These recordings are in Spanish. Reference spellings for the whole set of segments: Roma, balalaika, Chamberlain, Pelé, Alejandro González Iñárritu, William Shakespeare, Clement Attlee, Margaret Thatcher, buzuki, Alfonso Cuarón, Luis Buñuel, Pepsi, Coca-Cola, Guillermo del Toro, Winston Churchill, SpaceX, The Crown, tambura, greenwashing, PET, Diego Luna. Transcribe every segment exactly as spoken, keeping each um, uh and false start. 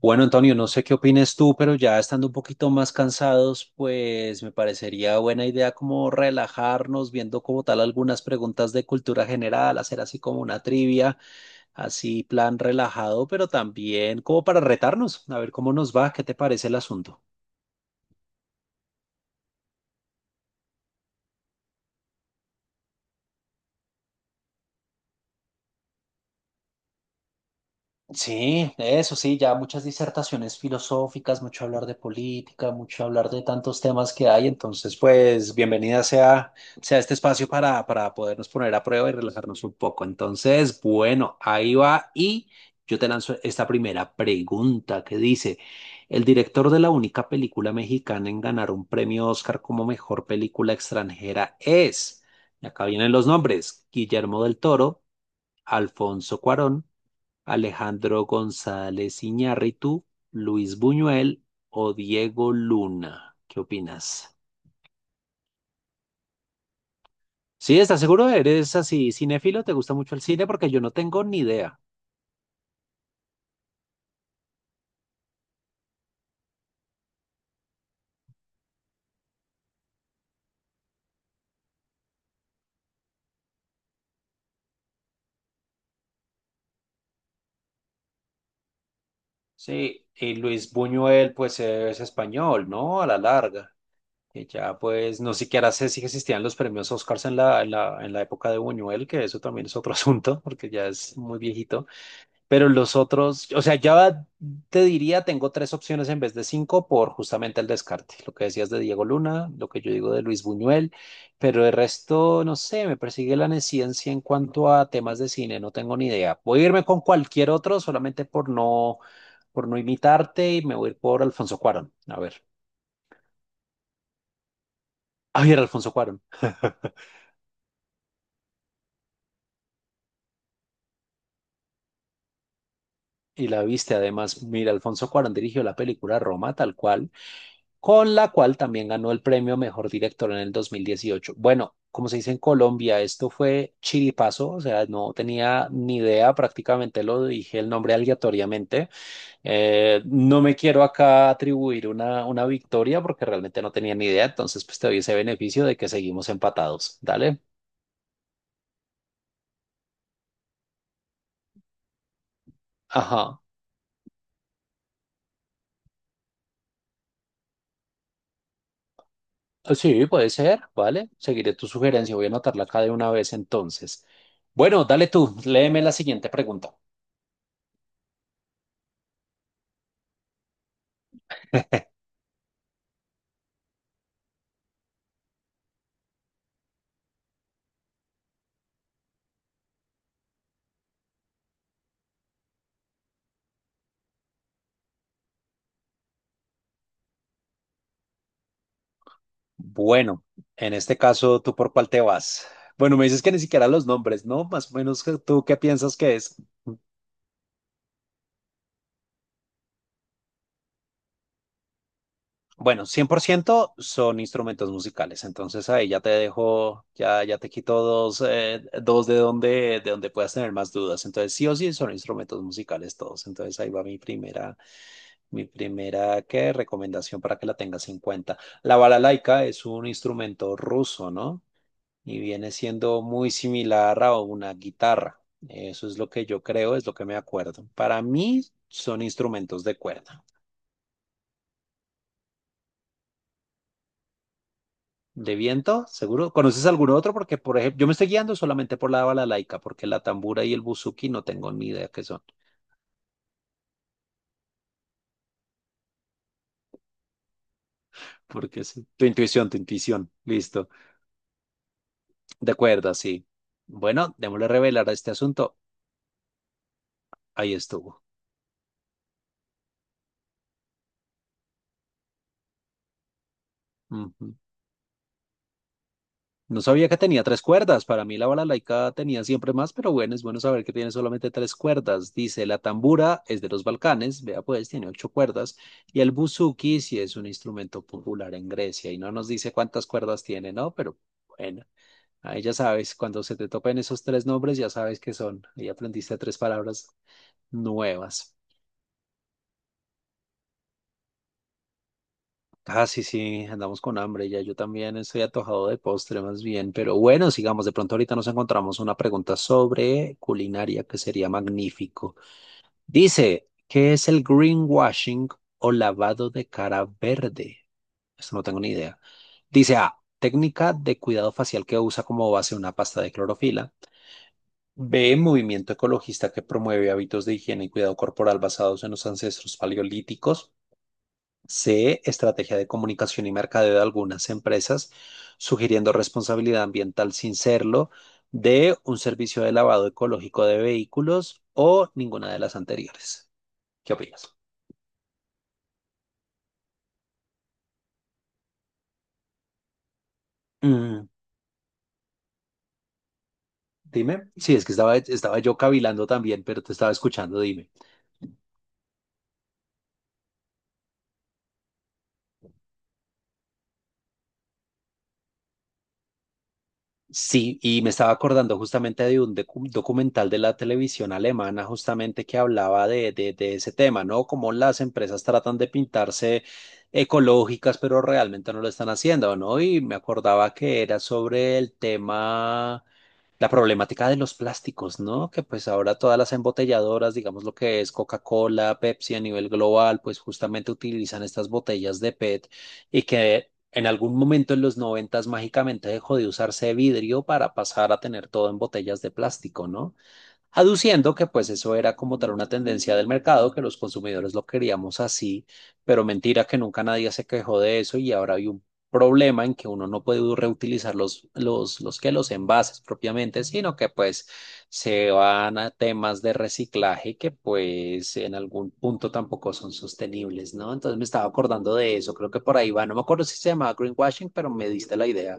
Bueno, Antonio, no sé qué opines tú, pero ya estando un poquito más cansados, pues me parecería buena idea como relajarnos, viendo como tal algunas preguntas de cultura general, hacer así como una trivia, así plan relajado, pero también como para retarnos, a ver cómo nos va, qué te parece el asunto. Sí, eso sí, ya muchas disertaciones filosóficas, mucho hablar de política, mucho hablar de tantos temas que hay. Entonces, pues, bienvenida sea, sea este espacio para, para podernos poner a prueba y relajarnos un poco. Entonces, bueno, ahí va y yo te lanzo esta primera pregunta que dice, el director de la única película mexicana en ganar un premio Oscar como mejor película extranjera es, y acá vienen los nombres: Guillermo del Toro, Alfonso Cuarón, Alejandro González Iñárritu, Luis Buñuel o Diego Luna. ¿Qué opinas? Sí, ¿estás seguro? ¿Eres así cinéfilo? ¿Te gusta mucho el cine? Porque yo no tengo ni idea. Sí, y Luis Buñuel pues es español, ¿no? A la larga, que ya pues no siquiera sé si existían los premios Oscars en la, en la, en la época de Buñuel, que eso también es otro asunto, porque ya es muy viejito. Pero los otros, o sea, ya te diría, tengo tres opciones en vez de cinco por justamente el descarte. Lo que decías de Diego Luna, lo que yo digo de Luis Buñuel, pero el resto, no sé, me persigue la neciencia en cuanto a temas de cine, no tengo ni idea. Voy a irme con cualquier otro solamente por no, por no imitarte y me voy a ir por Alfonso Cuarón. A ver, a ver, Alfonso Cuarón. Y la viste, además, mira, Alfonso Cuarón dirigió la película Roma, tal cual, con la cual también ganó el premio Mejor Director en el dos mil dieciocho. Bueno, como se dice en Colombia, esto fue chiripazo, o sea, no tenía ni idea, prácticamente lo dije el nombre aleatoriamente. Eh, no me quiero acá atribuir una, una victoria porque realmente no tenía ni idea, entonces pues te doy ese beneficio de que seguimos empatados, ¿dale? Ajá. Ah, sí, puede ser, ¿vale? Seguiré tu sugerencia, voy a anotarla acá de una vez entonces. Bueno, dale tú, léeme la siguiente pregunta. Bueno, en este caso, ¿tú por cuál te vas? Bueno, me dices que ni siquiera los nombres, ¿no? Más o menos, ¿qué- ¿tú qué piensas que es? Bueno, cien por ciento son instrumentos musicales, entonces ahí ya te dejo, ya, ya te quito dos, eh, dos de donde, de donde puedas tener más dudas. Entonces, sí o sí son instrumentos musicales todos. Entonces, ahí va mi primera, mi primera, ¿qué? Recomendación para que la tengas en cuenta. La balalaika es un instrumento ruso, ¿no? Y viene siendo muy similar a una guitarra. Eso es lo que yo creo, es lo que me acuerdo. Para mí son instrumentos de cuerda. De viento, seguro. ¿Conoces alguno otro? Porque, por ejemplo, yo me estoy guiando solamente por la balalaika, porque la tambura y el buzuki no tengo ni idea qué son. Porque sí. Tu intuición, tu intuición. Listo. De cuerda, sí. Bueno, démosle revelar a este asunto. Ahí estuvo. Ujú. No sabía que tenía tres cuerdas. Para mí la balalaika tenía siempre más, pero bueno, es bueno saber que tiene solamente tres cuerdas. Dice, la tambura es de los Balcanes, vea pues, tiene ocho cuerdas. Y el buzuki sí es un instrumento popular en Grecia. Y no nos dice cuántas cuerdas tiene, ¿no? Pero bueno, ahí ya sabes, cuando se te topen esos tres nombres, ya sabes qué son. Ahí aprendiste tres palabras nuevas. Ah, sí, sí, andamos con hambre ya. Yo también estoy atojado de postre más bien, pero bueno, sigamos. De pronto ahorita nos encontramos una pregunta sobre culinaria que sería magnífico. Dice, ¿qué es el greenwashing o lavado de cara verde? Esto no tengo ni idea. Dice A, técnica de cuidado facial que usa como base una pasta de clorofila. B, movimiento ecologista que promueve hábitos de higiene y cuidado corporal basados en los ancestros paleolíticos. C, estrategia de comunicación y mercadeo de algunas empresas, sugiriendo responsabilidad ambiental sin serlo. D, un servicio de lavado ecológico de vehículos o ninguna de las anteriores. ¿Qué opinas? Mm, dime. Sí, es que estaba, estaba yo cavilando también, pero te estaba escuchando. Dime. Sí, y me estaba acordando justamente de un docu- documental de la televisión alemana justamente que hablaba de, de, de ese tema, ¿no? Cómo las empresas tratan de pintarse ecológicas, pero realmente no lo están haciendo, ¿no? Y me acordaba que era sobre el tema la problemática de los plásticos, ¿no? Que pues ahora todas las embotelladoras, digamos lo que es Coca-Cola, Pepsi a nivel global, pues justamente utilizan estas botellas de PET y que en algún momento en los noventas mágicamente dejó de usarse vidrio para pasar a tener todo en botellas de plástico, ¿no? Aduciendo que pues eso era como tal una tendencia del mercado, que los consumidores lo queríamos así, pero mentira que nunca nadie se quejó de eso y ahora hay un problema en que uno no puede reutilizar los, los, los que los envases propiamente, sino que pues se van a temas de reciclaje que pues en algún punto tampoco son sostenibles, ¿no? Entonces me estaba acordando de eso, creo que por ahí va, no me acuerdo si se llamaba greenwashing, pero me diste la idea.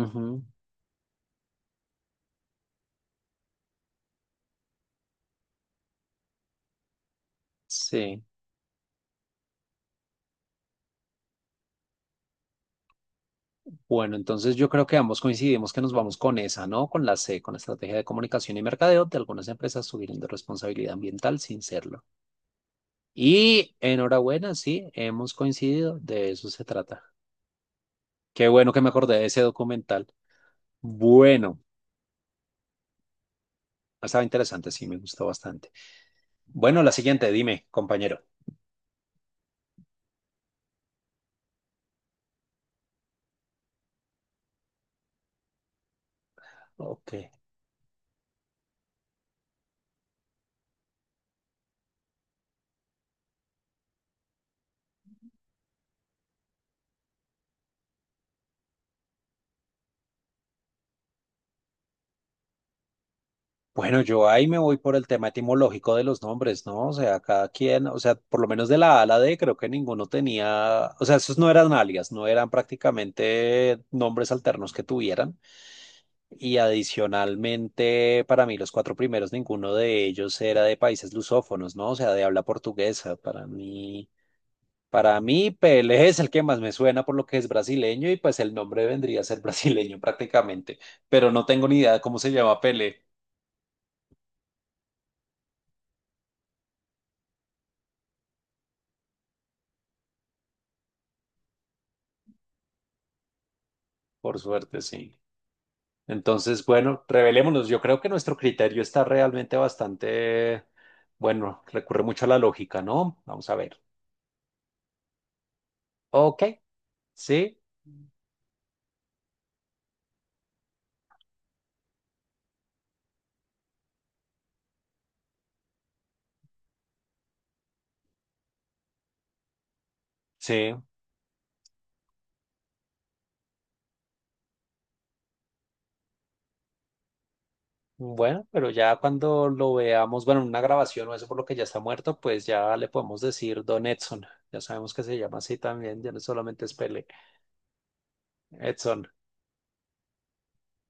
Ujú, sí. Bueno, entonces yo creo que ambos coincidimos que nos vamos con esa, ¿no? Con la C, con la estrategia de comunicación y mercadeo de algunas empresas subirán de responsabilidad ambiental sin serlo. Y enhorabuena, sí, hemos coincidido, de eso se trata. Qué bueno que me acordé de ese documental. Bueno, estaba interesante, sí, me gustó bastante. Bueno, la siguiente, dime, compañero. Ok. Bueno, yo ahí me voy por el tema etimológico de los nombres, ¿no? O sea, cada quien, o sea, por lo menos de la A a la D, creo que ninguno tenía, o sea, esos no eran alias, no eran prácticamente nombres alternos que tuvieran. Y adicionalmente, para mí, los cuatro primeros, ninguno de ellos era de países lusófonos, ¿no? O sea, de habla portuguesa. Para mí, para mí, Pelé es el que más me suena por lo que es brasileño y pues el nombre vendría a ser brasileño prácticamente, pero no tengo ni idea de cómo se llama Pelé, por suerte, sí. Entonces, bueno, revelémonos. Yo creo que nuestro criterio está realmente bastante, bueno, recurre mucho a la lógica, ¿no? Vamos a ver. Ok, sí, sí. Bueno, pero ya cuando lo veamos, bueno, en una grabación o eso por lo que ya está muerto, pues ya le podemos decir Don Edson. Ya sabemos que se llama así también, ya no solamente es Pele. Edson,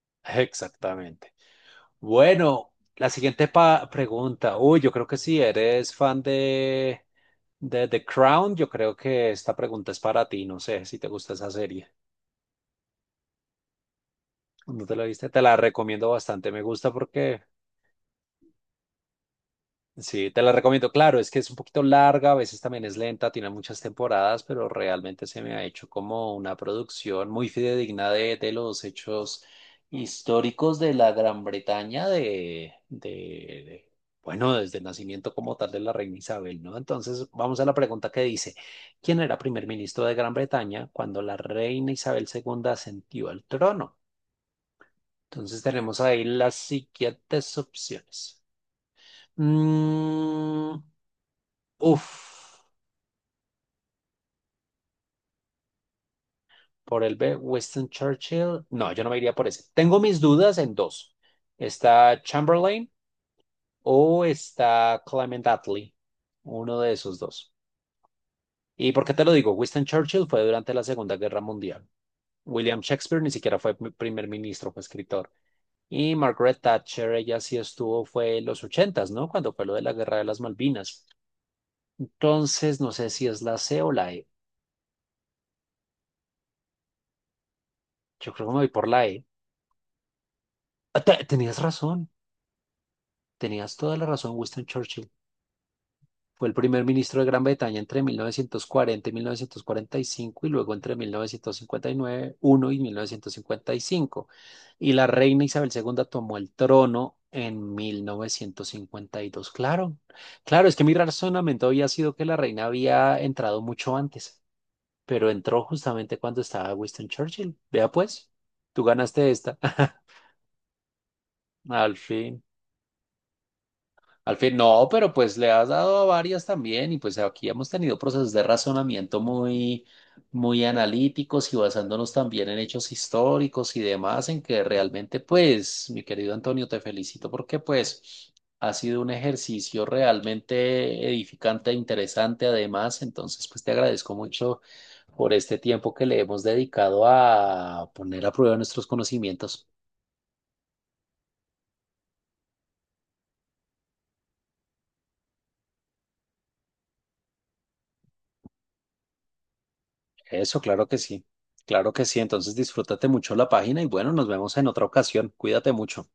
exactamente. Bueno, la siguiente pa- pregunta. Uy, yo creo que si eres fan de, de The Crown, yo creo que esta pregunta es para ti. No sé si te gusta esa serie. ¿No te la viste? Te la recomiendo bastante. Me gusta porque sí, te la recomiendo. Claro, es que es un poquito larga, a veces también es lenta, tiene muchas temporadas, pero realmente se me ha hecho como una producción muy fidedigna de, de los hechos históricos de la Gran Bretaña, de, de, de- bueno, desde el nacimiento como tal de la reina Isabel, ¿no? Entonces, vamos a la pregunta que dice, ¿quién era primer ministro de Gran Bretaña cuando la reina Isabel segunda ascendió al trono? Entonces, tenemos ahí las siguientes opciones. Mm, Uf, por el B, Winston Churchill. No, yo no me iría por ese. Tengo mis dudas en dos. Está Chamberlain o está Clement Attlee. Uno de esos dos. ¿Y por qué te lo digo? Winston Churchill fue durante la Segunda Guerra Mundial. William Shakespeare ni siquiera fue pr- primer ministro, fue escritor. Y Margaret Thatcher, ella sí estuvo, fue en los ochentas, ¿no? Cuando fue lo de la Guerra de las Malvinas. Entonces, no sé si es la C o la E. Yo creo que me voy por la E. Ah, te- tenías razón. Tenías toda la razón, Winston Churchill. Fue el primer ministro de Gran Bretaña entre mil novecientos cuarenta y mil novecientos cuarenta y cinco y cinco y luego entre mil novecientos cincuenta y nueve, uno y mil novecientos cincuenta y cinco. Y mil novecientos cincuenta y cinco. Y la reina Isabel segunda tomó el trono en mil novecientos cincuenta y dos. Claro, claro, es que mi razonamiento había sido que la reina había entrado mucho antes, pero entró justamente cuando estaba Winston Churchill. Vea pues, tú ganaste esta. Al fin. Al fin, no, pero pues le has dado a varias también y pues aquí hemos tenido procesos de razonamiento muy, muy analíticos y basándonos también en hechos históricos y demás, en que realmente pues, mi querido Antonio, te felicito porque pues ha sido un ejercicio realmente edificante e interesante además, entonces pues te agradezco mucho por este tiempo que le hemos dedicado a poner a prueba nuestros conocimientos. Eso, claro que sí. Claro que sí. Entonces disfrútate mucho la página y bueno, nos vemos en otra ocasión. Cuídate mucho.